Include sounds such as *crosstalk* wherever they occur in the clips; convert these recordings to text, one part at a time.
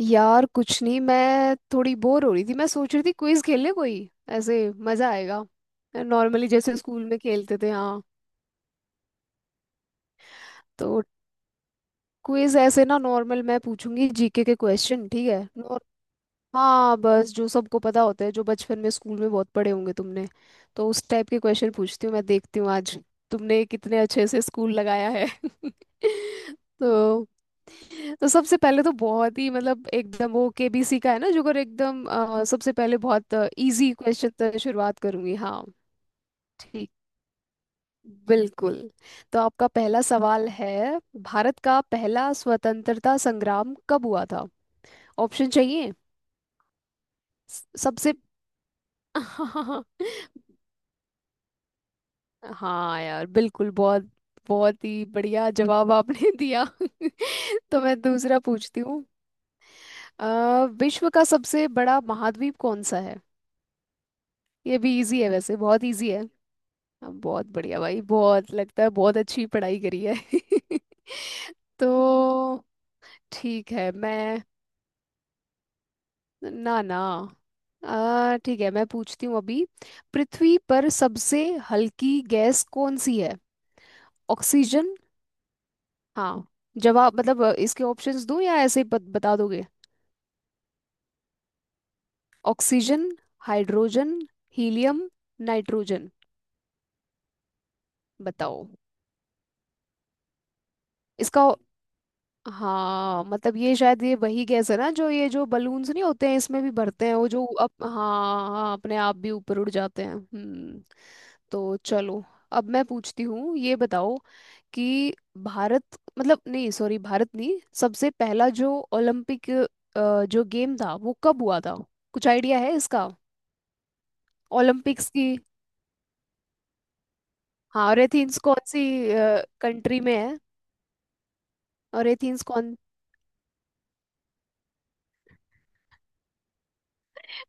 यार कुछ नहीं। मैं थोड़ी बोर हो रही थी। मैं सोच रही थी क्विज खेल ले कोई ऐसे। मजा आएगा। नॉर्मली जैसे स्कूल में खेलते थे। हाँ। तो क्विज ऐसे ना, नॉर्मल। मैं पूछूंगी जीके के क्वेश्चन, ठीक है। हाँ, बस जो सबको पता होता है, जो बचपन में स्कूल में बहुत पढ़े होंगे तुमने। तो उस टाइप के क्वेश्चन पूछती हूँ। मैं देखती हूँ आज तुमने कितने अच्छे से स्कूल लगाया है। *laughs* तो तो सबसे पहले तो बहुत ही मतलब एकदम वो केबीसी का है ना। जो अगर एकदम सबसे पहले बहुत इजी क्वेश्चन से शुरुआत करूंगी। हाँ। ठीक। बिल्कुल। तो आपका पहला सवाल है। भारत का पहला स्वतंत्रता संग्राम कब हुआ था? ऑप्शन चाहिए? सबसे। *laughs* हाँ। हाँ यार बिल्कुल, बहुत बहुत ही बढ़िया जवाब आपने दिया। *laughs* तो मैं दूसरा पूछती हूँ। विश्व का सबसे बड़ा महाद्वीप कौन सा है? ये भी इजी है वैसे, बहुत इजी है। बहुत बढ़िया भाई, बहुत लगता है बहुत अच्छी पढ़ाई करी है। *laughs* तो ठीक है मैं, ना ना, ठीक है मैं पूछती हूँ अभी। पृथ्वी पर सबसे हल्की गैस कौन सी है? ऑक्सीजन? हाँ। जवाब मतलब इसके ऑप्शंस दूं या ऐसे ही बता दोगे? Oxygen, hydrogen, helium, nitrogen. बताओ। इसका ओ- हाँ मतलब ये शायद ये वही गैस है ना, जो ये, जो बलून्स नहीं होते हैं इसमें भी भरते हैं वो, जो हाँ हाँ अपने आप भी ऊपर उड़ जाते हैं। तो चलो, अब मैं पूछती हूँ, ये बताओ कि भारत मतलब नहीं, सॉरी भारत नहीं, सबसे पहला जो ओलंपिक जो गेम था वो कब हुआ था? कुछ आइडिया है इसका? ओलंपिक्स की। हाँ और एथेंस कौन सी कंट्री में है? और एथेंस कौन?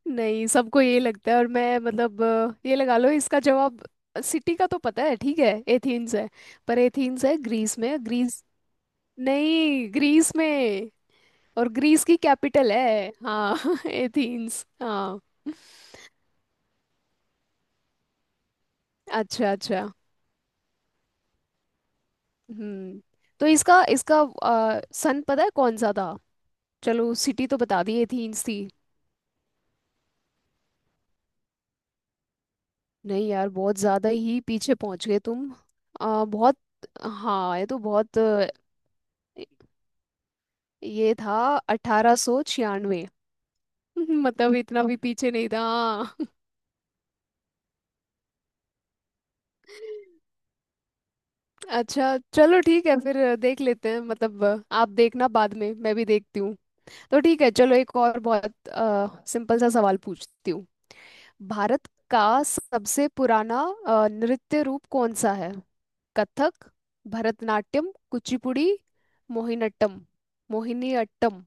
नहीं सबको ये लगता है, और मैं मतलब ये लगा लो इसका जवाब। सिटी का तो पता है, ठीक है, एथेंस है। पर एथेंस है ग्रीस में। ग्रीस, नहीं ग्रीस में। और ग्रीस की कैपिटल है, हाँ *laughs* एथेंस, हाँ। अच्छा अच्छा। हम्म। तो इसका इसका सन पता है कौन सा था? चलो सिटी तो बता दी, एथेंस थी। नहीं यार बहुत ज्यादा ही पीछे पहुंच गए तुम। आ, बहुत। हाँ ये तो बहुत ये था 1896। *laughs* मतलब इतना भी पीछे नहीं था, हाँ। *laughs* अच्छा चलो ठीक है फिर देख लेते हैं मतलब आप देखना बाद में, मैं भी देखती हूँ। तो ठीक है चलो एक और बहुत सिंपल सा सवाल पूछती हूँ। भारत का सबसे पुराना नृत्य रूप कौन सा है? कथक, भरतनाट्यम, कुचिपुड़ी, मोहिनीअट्टम। मोहिनीअट्टम?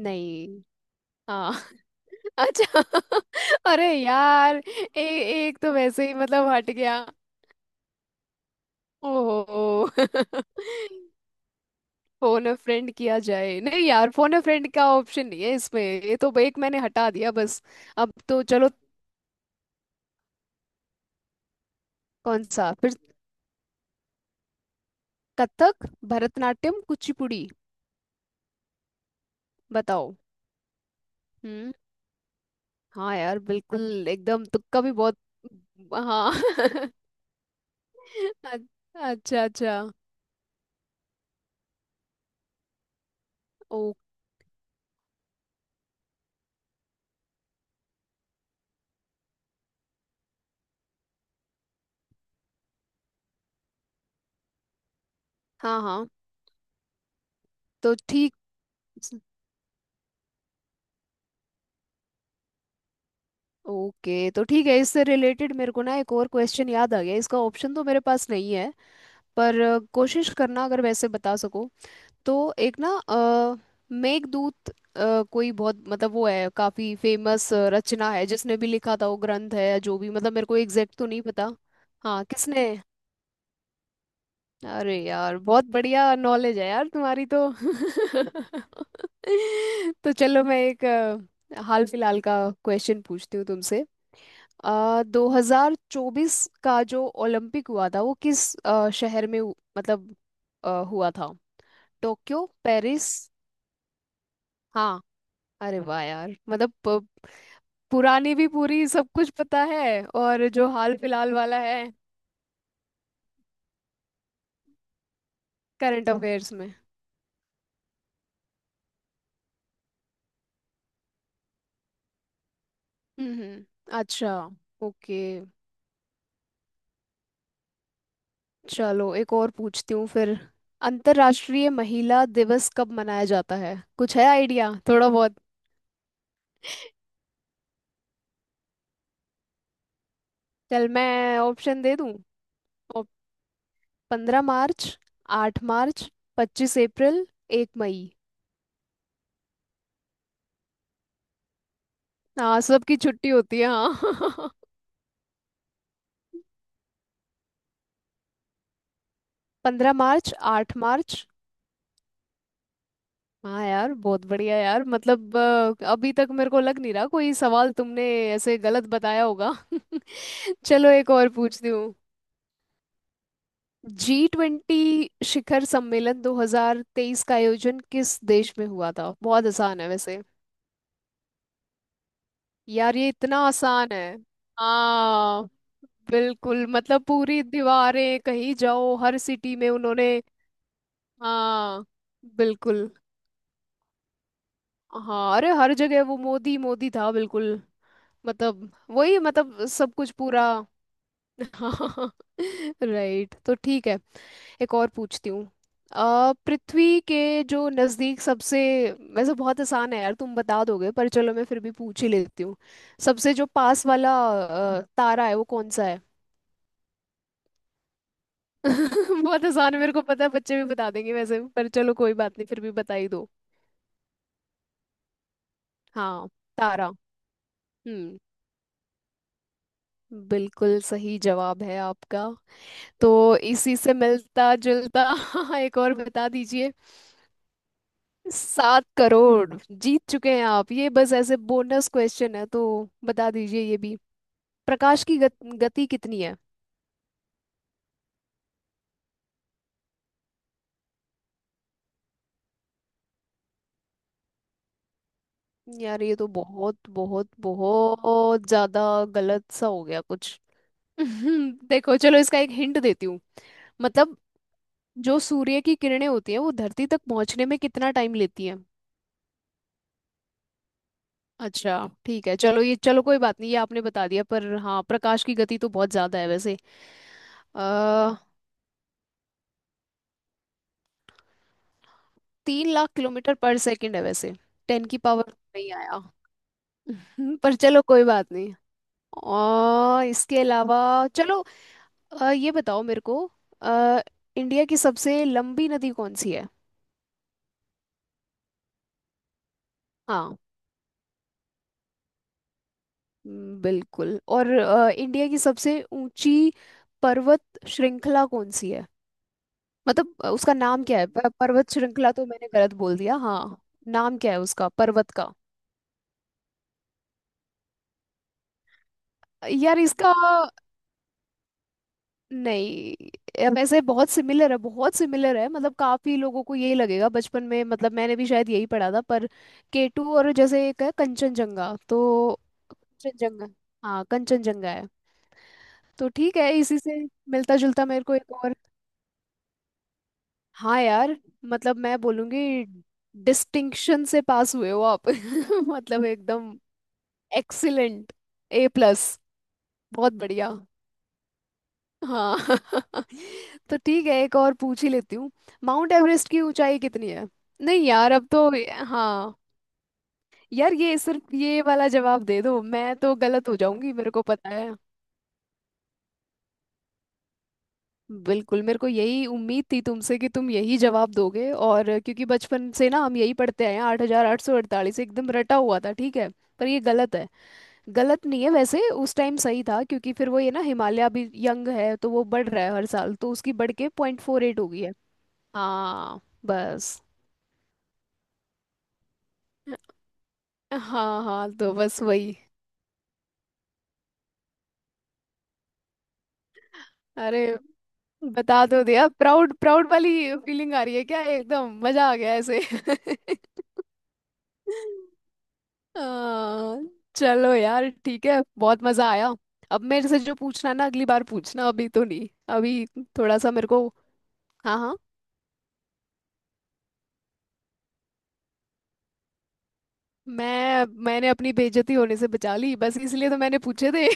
नहीं। हाँ। *laughs* अच्छा। *laughs* अरे यार एक तो वैसे ही मतलब हट गया। ओहो। *laughs* फोन अ फ्रेंड किया जाए? नहीं यार, फोन अ फ्रेंड का ऑप्शन नहीं है इसमें। ये तो एक मैंने हटा दिया बस। अब तो चलो, कौन सा फिर? कथक, भरतनाट्यम, कुचिपुड़ी। बताओ। हम्म। हाँ यार बिल्कुल, एकदम तुक्का भी बहुत। हाँ। *laughs* अ- अच्छा अच्छा। ओ हाँ हाँ, तो ठीक। ओके, तो ठीक है, इससे रिलेटेड मेरे को ना एक और क्वेश्चन याद आ गया। इसका ऑप्शन तो मेरे पास नहीं है पर कोशिश करना अगर वैसे बता सको। तो एक ना मेघदूत कोई बहुत मतलब वो है, काफी फेमस रचना है, जिसने भी लिखा था वो ग्रंथ है जो भी, मतलब मेरे को एग्जैक्ट तो नहीं पता। हाँ किसने? अरे यार बहुत बढ़िया नॉलेज है यार तुम्हारी तो। *laughs* तो चलो मैं एक हाल फिलहाल का क्वेश्चन पूछती हूँ तुमसे। आ, 2024 का जो ओलंपिक हुआ था वो किस शहर में मतलब हुआ था? Tokyo, Paris? हाँ। अरे वाह यार, मतलब पुरानी भी पूरी सब कुछ पता है। और जो हाल *laughs* फिलहाल वाला है? करंट अफेयर्स में? हम्म। अच्छा। ओके, चलो एक और पूछती हूँ फिर। अंतर्राष्ट्रीय महिला दिवस कब मनाया जाता है? कुछ है आइडिया थोड़ा बहुत? चल मैं ऑप्शन दे दूँ। 15 मार्च, 8 मार्च, 25 अप्रैल, 1 मई। हाँ सबकी छुट्टी होती है, हाँ। *laughs* 15 मार्च, 8 मार्च हाँ यार बहुत बढ़िया यार, मतलब अभी तक मेरे को लग नहीं रहा कोई सवाल तुमने ऐसे गलत बताया होगा। *laughs* चलो एक और पूछती हूँ। G20 शिखर सम्मेलन 2023 का आयोजन किस देश में हुआ था? बहुत आसान है वैसे। यार ये इतना आसान है। हाँ बिल्कुल, मतलब पूरी दीवारें, कहीं जाओ हर सिटी में उन्होंने। हाँ बिल्कुल। हाँ अरे हर जगह वो मोदी मोदी था बिल्कुल। मतलब वही मतलब सब कुछ पूरा। हाँ। *laughs* राइट, तो ठीक है, एक और पूछती हूँ। पृथ्वी के जो नज़दीक सबसे, वैसे बहुत आसान है यार, तुम बता दोगे पर चलो मैं फिर भी पूछ ही लेती हूँ। सबसे जो पास वाला तारा है वो कौन सा है? *laughs* बहुत आसान है, मेरे को पता है, बच्चे भी बता देंगे वैसे, पर चलो कोई बात नहीं फिर भी बता ही दो। हाँ। तारा। हम्म। बिल्कुल सही जवाब है आपका। तो इसी से मिलता जुलता। *laughs* एक और बता दीजिए। 7 करोड़ जीत चुके हैं आप, ये बस ऐसे बोनस क्वेश्चन है, तो बता दीजिए ये भी। प्रकाश की गति कितनी है? यार ये तो बहुत बहुत बहुत ज्यादा गलत सा हो गया कुछ। *laughs* देखो चलो इसका एक हिंट देती हूँ। मतलब जो सूर्य की किरणें होती हैं वो धरती तक पहुंचने में कितना टाइम लेती हैं? अच्छा ठीक है चलो, ये चलो कोई बात नहीं, ये आपने बता दिया। पर हाँ, प्रकाश की गति तो बहुत ज्यादा है वैसे। अ 3 लाख किलोमीटर पर सेकंड है वैसे। 10 की पावर नहीं आया। *laughs* पर चलो कोई बात नहीं। और इसके अलावा चलो ये बताओ मेरे को अ, इंडिया की सबसे लंबी नदी कौन सी है? हाँ। बिल्कुल। और इंडिया की सबसे ऊंची पर्वत श्रृंखला कौन सी है? मतलब उसका नाम क्या है, पर्वत श्रृंखला तो मैंने गलत बोल दिया, हाँ। नाम क्या है उसका पर्वत का? यार इसका नहीं, अब ऐसे बहुत सिमिलर है, बहुत सिमिलर है, मतलब काफी लोगों को यही लगेगा। बचपन में मतलब मैंने भी शायद यही पढ़ा था, पर केटू और जैसे एक है कंचनजंगा, तो कंचनजंगा, हाँ कंचनजंगा है। तो ठीक है, इसी से मिलता जुलता मेरे को एक और। हाँ यार, मतलब मैं बोलूंगी डिस्टिंक्शन से पास हुए हो आप। *laughs* मतलब एकदम एक्सीलेंट, A+। बहुत बढ़िया। हाँ। *laughs* तो ठीक है एक और पूछ ही लेती हूँ। माउंट एवरेस्ट की ऊंचाई कितनी है? नहीं यार अब तो, हाँ यार ये सिर्फ ये वाला जवाब दे दो, मैं तो गलत हो जाऊंगी मेरे को पता है। बिल्कुल, मेरे को यही उम्मीद थी तुमसे कि तुम यही जवाब दोगे, और क्योंकि बचपन से ना हम यही पढ़ते आए हैं, 8,848 एकदम रटा हुआ था, ठीक है। पर ये गलत है। गलत नहीं है वैसे, उस टाइम सही था, क्योंकि फिर वो ये ना, हिमालय अभी यंग है तो वो बढ़ रहा है हर साल, तो उसकी बढ़ के .48 हो गई है। हाँ बस। *laughs* हाँ हाँ, तो बस वही। अरे बता दो, दिया प्राउड प्राउड वाली फीलिंग आ रही है क्या? एकदम मजा आ गया ऐसे। *laughs* हाँ, चलो यार ठीक है, बहुत मजा आया। अब मेरे से जो पूछना है ना अगली बार पूछना, अभी तो नहीं, अभी थोड़ा सा मेरे को। हाँ हाँ। मैंने अपनी बेइज्जती होने से बचा ली, बस इसलिए तो मैंने पूछे थे।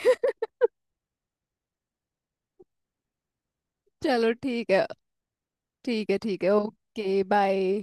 *laughs* चलो ठीक है। ठीक है ठीक है, ओके बाय।